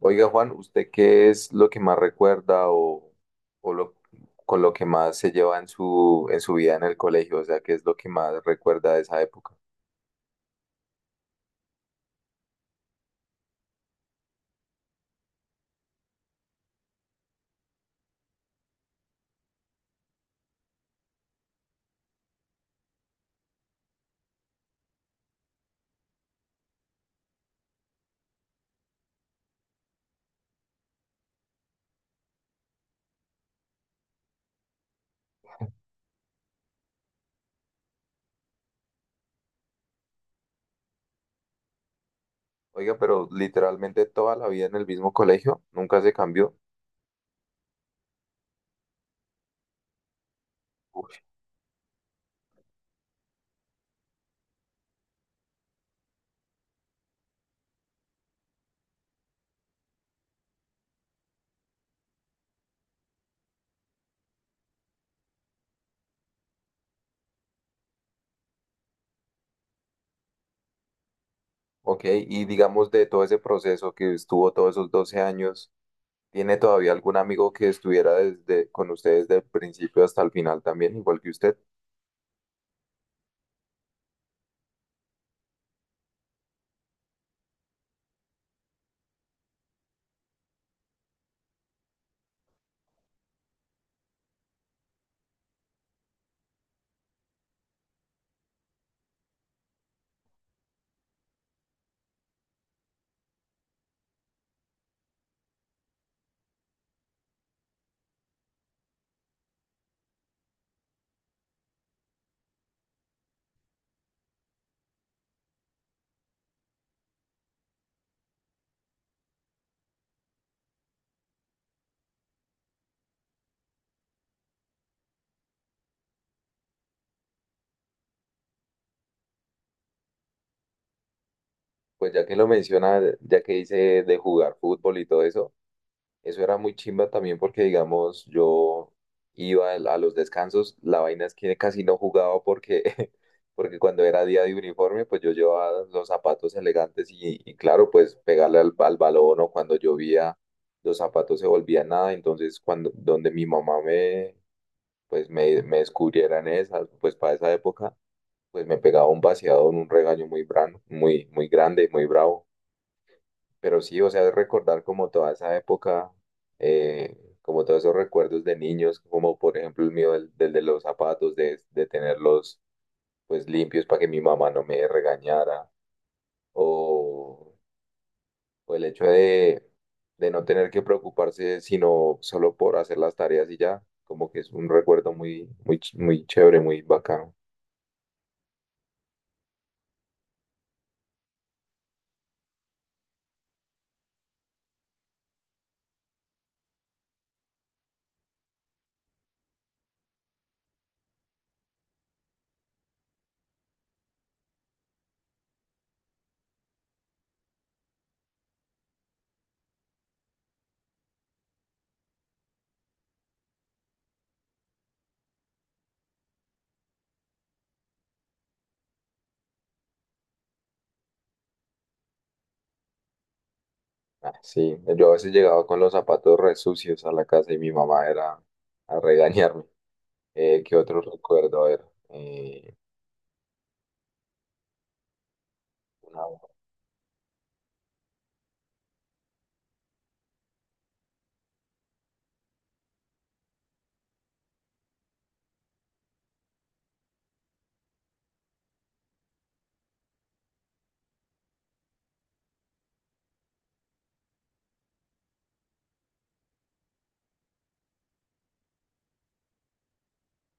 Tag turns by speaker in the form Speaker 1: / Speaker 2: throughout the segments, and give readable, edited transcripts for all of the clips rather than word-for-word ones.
Speaker 1: Oiga, Juan, ¿usted qué es lo que más recuerda o con lo que más se lleva en en su vida en el colegio? O sea, ¿qué es lo que más recuerda de esa época? Oiga, pero literalmente toda la vida en el mismo colegio, nunca se cambió. Uf. Ok, y digamos de todo ese proceso que estuvo todos esos 12 años, ¿tiene todavía algún amigo que estuviera desde, con usted desde el principio hasta el final también, igual que usted? Pues ya que lo menciona, ya que dice de jugar fútbol y todo eso. Eso era muy chimba también porque, digamos, yo a los descansos, la vaina es que casi no jugaba porque, porque cuando era día de uniforme, pues yo llevaba los zapatos elegantes y claro, pues pegarle al balón o cuando llovía, los zapatos se volvían nada, entonces donde mi mamá me descubriera en esas, pues para esa época, pues me pegaba un vaciado, un regaño muy grande, muy bravo. Pero sí, o sea, es recordar como toda esa época, como todos esos recuerdos de niños, como por ejemplo el mío del, del de los zapatos, de tenerlos pues limpios para que mi mamá no me regañara, o, o el hecho de no tener que preocuparse sino solo por hacer las tareas y ya, como que es un recuerdo muy chévere, muy bacano. Ah, sí, yo a veces llegaba con los zapatos re sucios a la casa y mi mamá era a regañarme. ¿Qué otro recuerdo? A ver, una-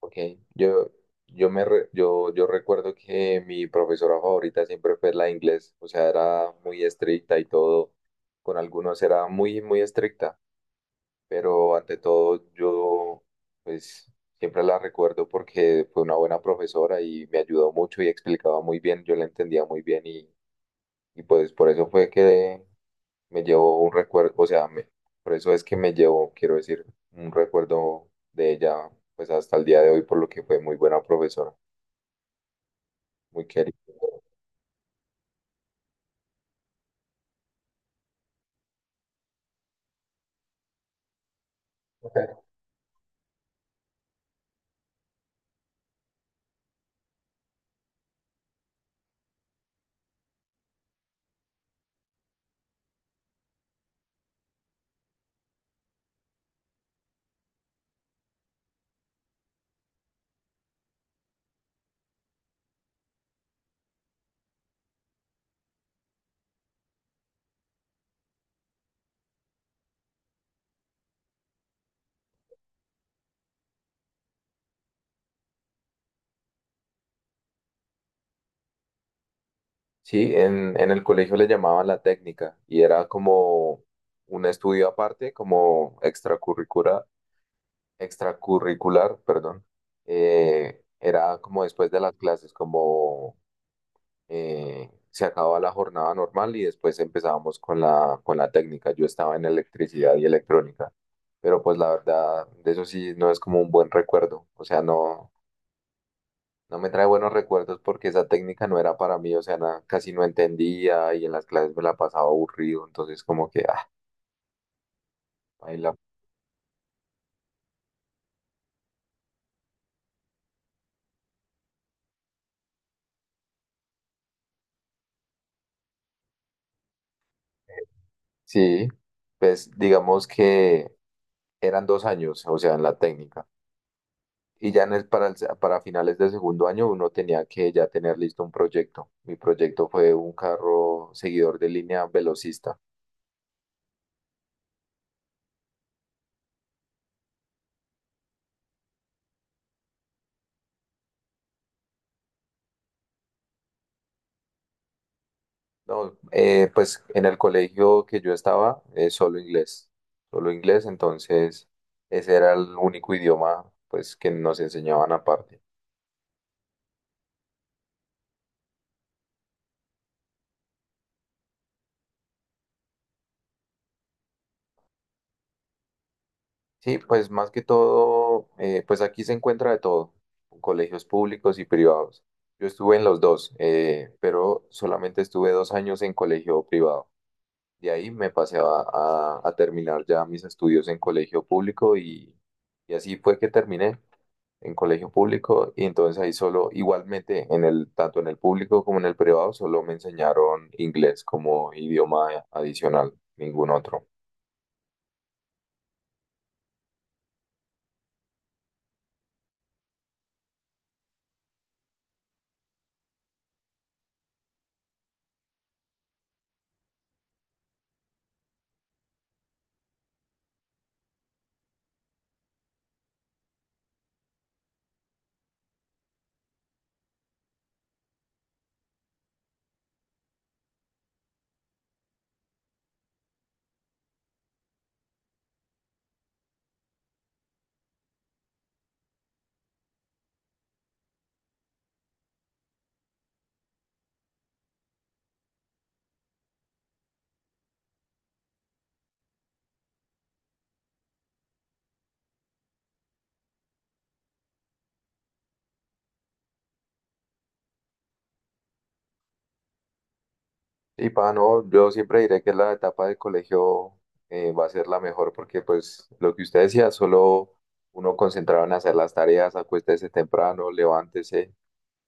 Speaker 1: ok, yo, yo, me re- yo recuerdo que mi profesora favorita siempre fue la de inglés, o sea, era muy estricta y todo, con algunos era muy estricta, pero ante todo yo, pues, siempre la recuerdo porque fue una buena profesora y me ayudó mucho y explicaba muy bien, yo la entendía muy bien. Y pues por eso fue que me llevó un recuerdo, por eso es que me llevó, quiero decir, un recuerdo de ella, pues hasta el día de hoy, por lo que fue muy buena profesora, muy querida. Ok. Sí, en el colegio le llamaban la técnica y era como un estudio aparte, como extracurricular, perdón. Era como después de las clases, como se acababa la jornada normal y después empezábamos con con la técnica. Yo estaba en electricidad y electrónica, pero pues la verdad, de eso sí no es como un buen recuerdo. O sea, no, no me trae buenos recuerdos porque esa técnica no era para mí, o sea, casi no entendía y en las clases me la pasaba aburrido, entonces como que, ah, ahí la... Sí, pues digamos que eran 2 años, o sea, en la técnica. Y ya en el- para, el se- para finales de segundo año uno tenía que ya tener listo un proyecto. Mi proyecto fue un carro seguidor de línea velocista. No, pues en el colegio que yo estaba, solo inglés, entonces ese era el único idioma pues que nos enseñaban aparte. Sí, pues más que todo, pues aquí se encuentra de todo, colegios públicos y privados. Yo estuve en los dos, pero solamente estuve 2 años en colegio privado. De ahí me pasé a terminar ya mis estudios en colegio público y así fue que terminé en colegio público y entonces ahí solo, igualmente en el, tanto en el público como en el privado, solo me enseñaron inglés como idioma adicional, ningún otro. Y pa, no, yo siempre diré que la etapa del colegio va a ser la mejor porque pues lo que usted decía, solo uno concentrado en hacer las tareas, acuéstese temprano, levántese,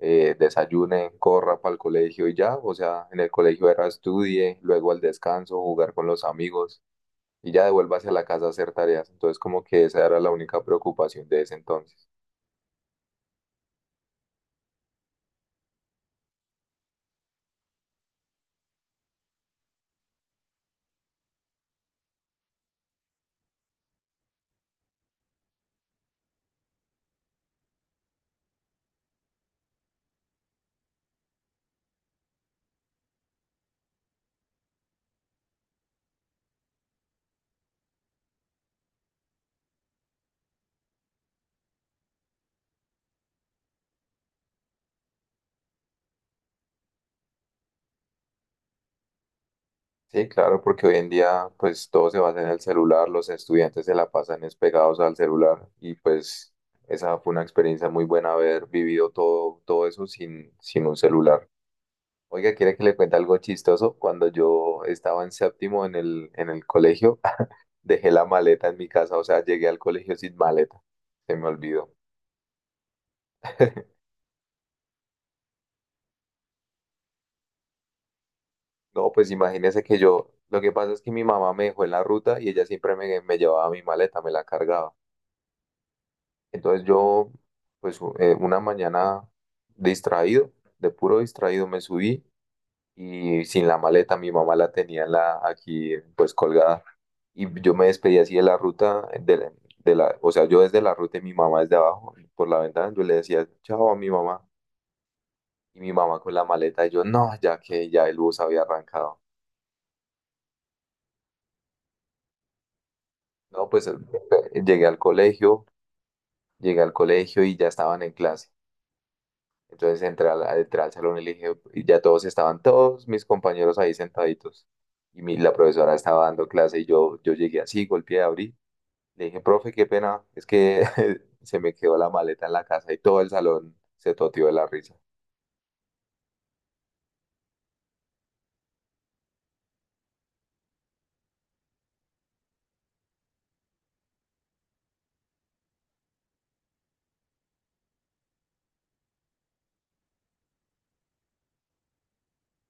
Speaker 1: desayune, corra para el colegio y ya, o sea, en el colegio era estudie, luego al descanso, jugar con los amigos y ya devuélvase a la casa a hacer tareas. Entonces como que esa era la única preocupación de ese entonces. Sí, claro, porque hoy en día pues todo se basa en el celular, los estudiantes se la pasan es pegados al celular y pues esa fue una experiencia muy buena haber vivido todo, todo eso sin, sin un celular. Oiga, ¿quiere que le cuente algo chistoso? Cuando yo estaba en séptimo en el colegio, dejé la maleta en mi casa, o sea, llegué al colegio sin maleta, se me olvidó. No, pues imagínese que yo, lo que pasa es que mi mamá me dejó en la ruta y ella siempre me llevaba mi maleta, me la cargaba. Entonces yo, pues una mañana distraído, de puro distraído me subí y sin la maleta, mi mamá la tenía en la, aquí pues colgada y yo me despedí así de la ruta, o sea, yo desde la ruta y mi mamá desde abajo, por la ventana, yo le decía chao a mi mamá y mi mamá con la maleta y yo no, ya que ya el bus había arrancado. No, pues llegué al colegio, llegué al colegio y ya estaban en clase. Entonces entré al salón y le dije, y ya todos estaban, todos mis compañeros ahí sentaditos. La profesora estaba dando clase y yo llegué así, golpeé, abrí. Le dije, profe, qué pena, es que se me quedó la maleta en la casa y todo el salón se toteó de la risa.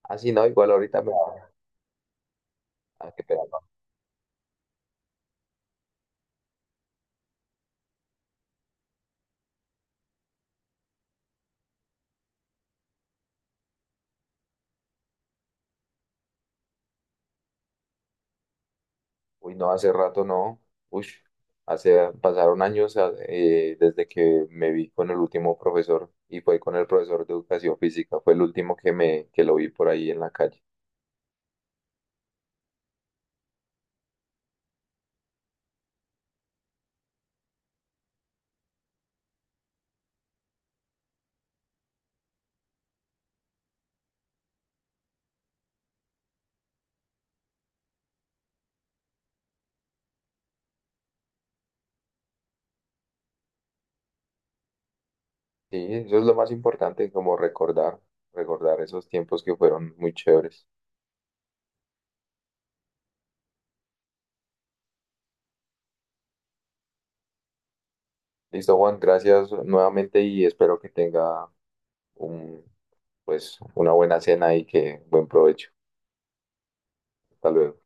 Speaker 1: Así no, igual ahorita me... Ah, qué pena. No. Uy, no, hace rato no. Uy, pasaron años desde que me vi con el último profesor y fue con el profesor de educación física. Fue el último que que lo vi por ahí en la calle. Sí, eso es lo más importante, como recordar, recordar esos tiempos que fueron muy chéveres. Listo, Juan, gracias nuevamente y espero que tenga un, pues, una buena cena y que buen provecho. Hasta luego.